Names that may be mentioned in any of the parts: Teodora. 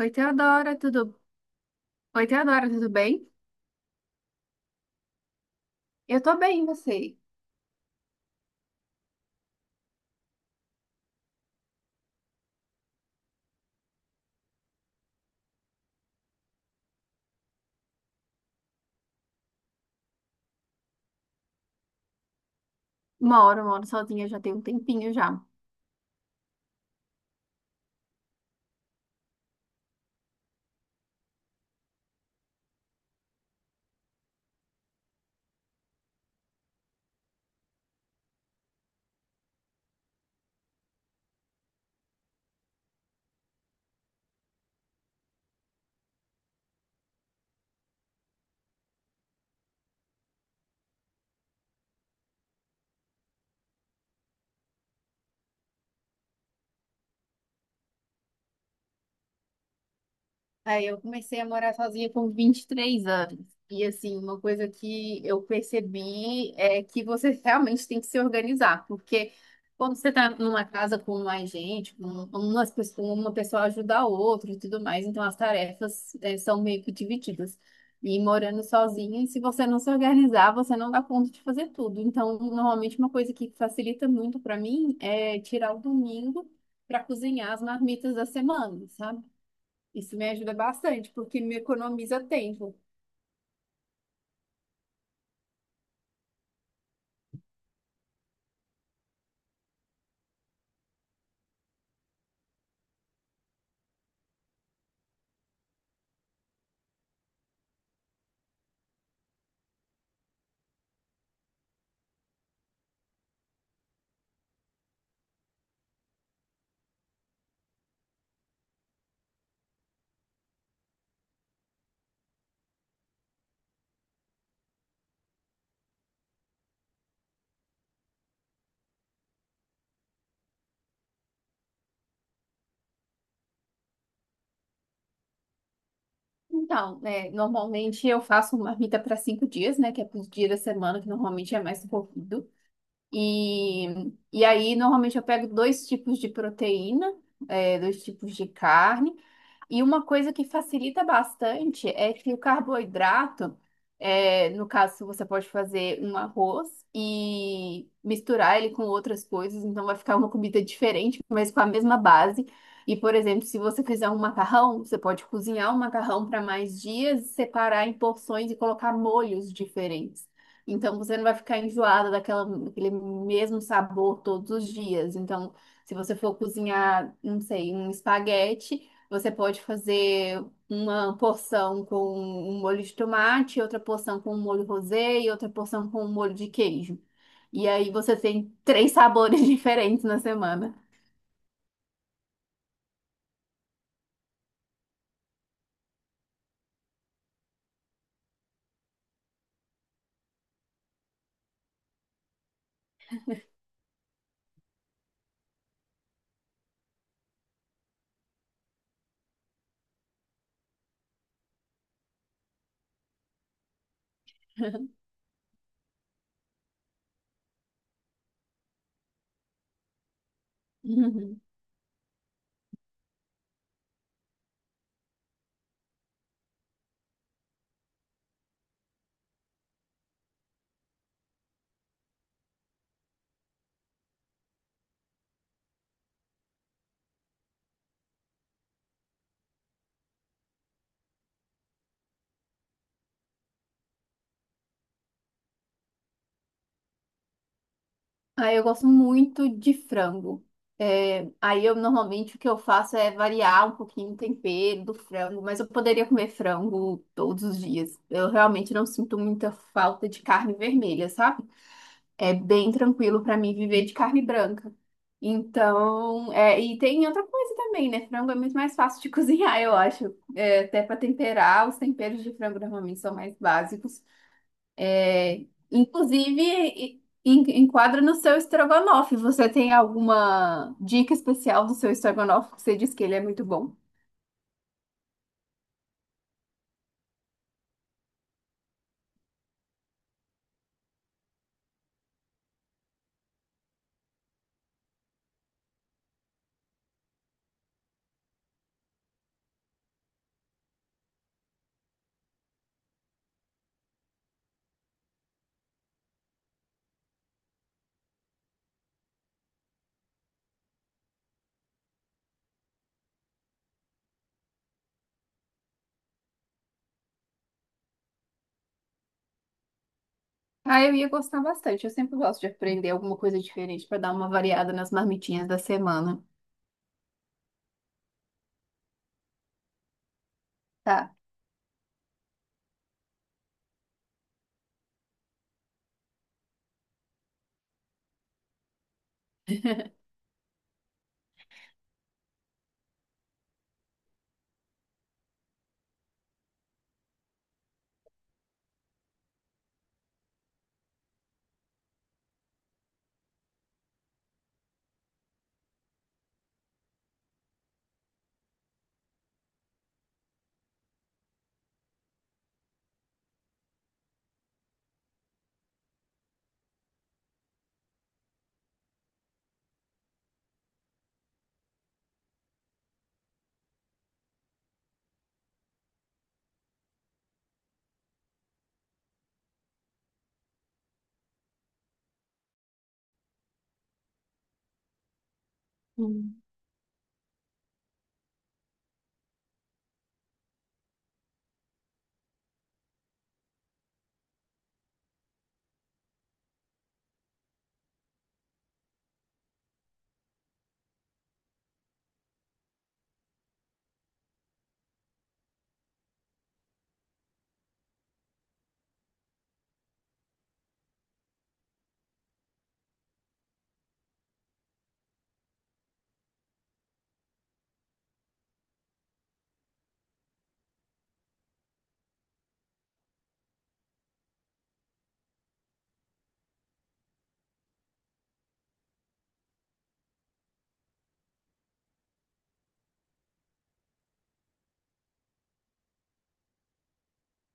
Oi, Teodora, tudo bem? Eu tô bem, e você? Moro sozinha já tem um tempinho já. Aí eu comecei a morar sozinha com 23 anos. E assim, uma coisa que eu percebi é que você realmente tem que se organizar, porque quando você está numa casa com mais gente, com umas pessoas, uma pessoa ajuda a outra e tudo mais, então as tarefas, são meio que divididas. E morando sozinha, se você não se organizar, você não dá conta de fazer tudo. Então, normalmente uma coisa que facilita muito para mim é tirar o domingo para cozinhar as marmitas da semana, sabe? Isso me ajuda bastante, porque me economiza tempo. Então, né, normalmente eu faço uma marmita para 5 dias, né, que é para os dias da semana, que normalmente é mais corrido. E, e aí, normalmente eu pego dois tipos de proteína, dois tipos de carne. E uma coisa que facilita bastante é que o carboidrato, no caso, você pode fazer um arroz e misturar ele com outras coisas, então vai ficar uma comida diferente, mas com a mesma base. E, por exemplo, se você fizer um macarrão, você pode cozinhar um macarrão para mais dias, separar em porções e colocar molhos diferentes. Então, você não vai ficar enjoada daquele mesmo sabor todos os dias. Então, se você for cozinhar, não sei, um espaguete. Você pode fazer uma porção com um molho de tomate, outra porção com um molho rosé e outra porção com um molho de queijo. E aí você tem três sabores diferentes na semana. Uhum. Aí eu gosto muito de frango. É, aí eu normalmente o que eu faço é variar um pouquinho o tempero do frango, mas eu poderia comer frango todos os dias. Eu realmente não sinto muita falta de carne vermelha, sabe? É bem tranquilo para mim viver de carne branca. Então, e tem outra coisa também, né? Frango é muito mais fácil de cozinhar, eu acho. É, até para temperar, os temperos de frango normalmente são mais básicos. É, inclusive, enquadra no seu estrogonofe. Você tem alguma dica especial do seu estrogonofe que você diz que ele é muito bom? Ah, eu ia gostar bastante. Eu sempre gosto de aprender alguma coisa diferente para dar uma variada nas marmitinhas da semana. Tá.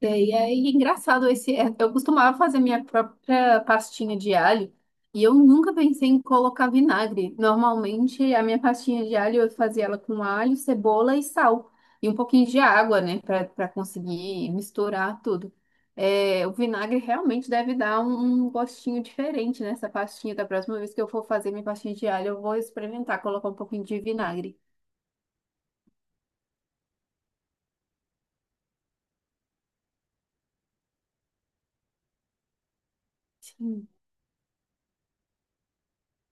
E aí, é engraçado, eu costumava fazer minha própria pastinha de alho e eu nunca pensei em colocar vinagre. Normalmente, a minha pastinha de alho eu fazia ela com alho, cebola e sal e um pouquinho de água, né, para conseguir misturar tudo. É, o vinagre realmente deve dar um gostinho diferente nessa pastinha. Da próxima vez que eu for fazer minha pastinha de alho, eu vou experimentar colocar um pouquinho de vinagre. Sim.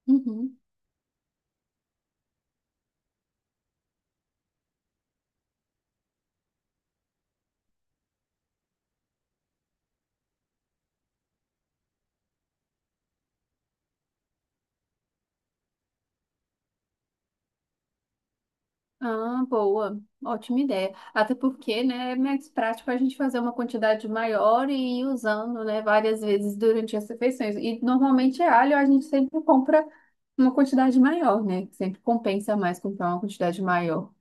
Uhum. Ah, boa. Ótima ideia. Até porque, né, é mais prático a gente fazer uma quantidade maior e ir usando, né, várias vezes durante as refeições. E normalmente alho a gente sempre compra uma quantidade maior, né? que Sempre compensa mais comprar uma quantidade maior.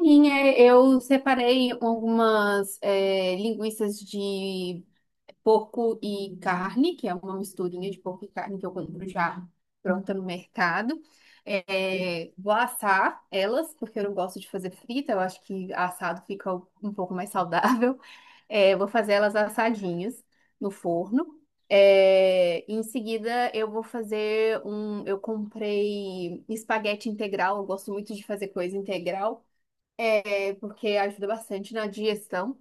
Sim, eu separei algumas linguiças de porco e carne, que é uma misturinha de porco e carne que eu compro já pronta no mercado. É, vou assar elas, porque eu não gosto de fazer frita, eu acho que assado fica um pouco mais saudável. É, vou fazer elas assadinhas no forno. É, em seguida, eu vou fazer um. Eu comprei espaguete integral. Eu gosto muito de fazer coisa integral, porque ajuda bastante na digestão.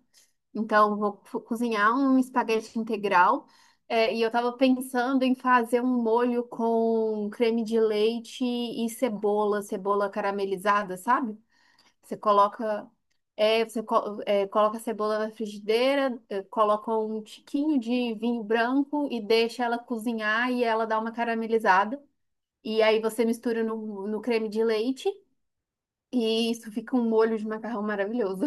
Então, eu vou cozinhar um espaguete integral. É, e eu tava pensando em fazer um molho com creme de leite e cebola, cebola caramelizada, sabe? Você coloca, é, você co- é, Coloca a cebola na frigideira, coloca um tiquinho de vinho branco e deixa ela cozinhar e ela dá uma caramelizada. E aí você mistura no creme de leite e isso fica um molho de macarrão maravilhoso.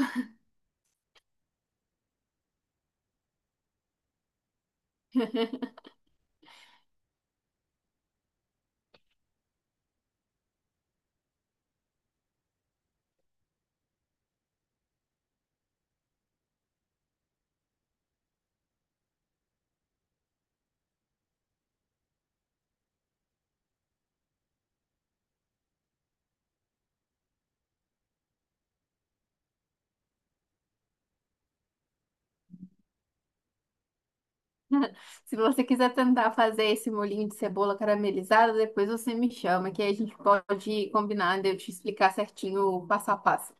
Se você quiser tentar fazer esse molhinho de cebola caramelizada, depois você me chama, que aí a gente pode combinar de eu te explicar certinho o passo a passo.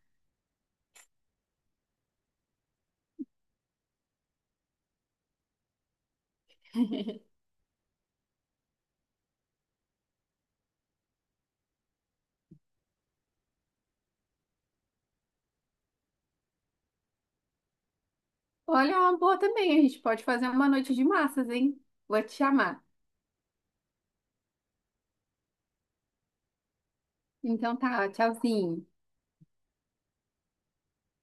Olha, é uma boa também, a gente pode fazer uma noite de massas, hein? Vou te chamar. Então tá, tchauzinho.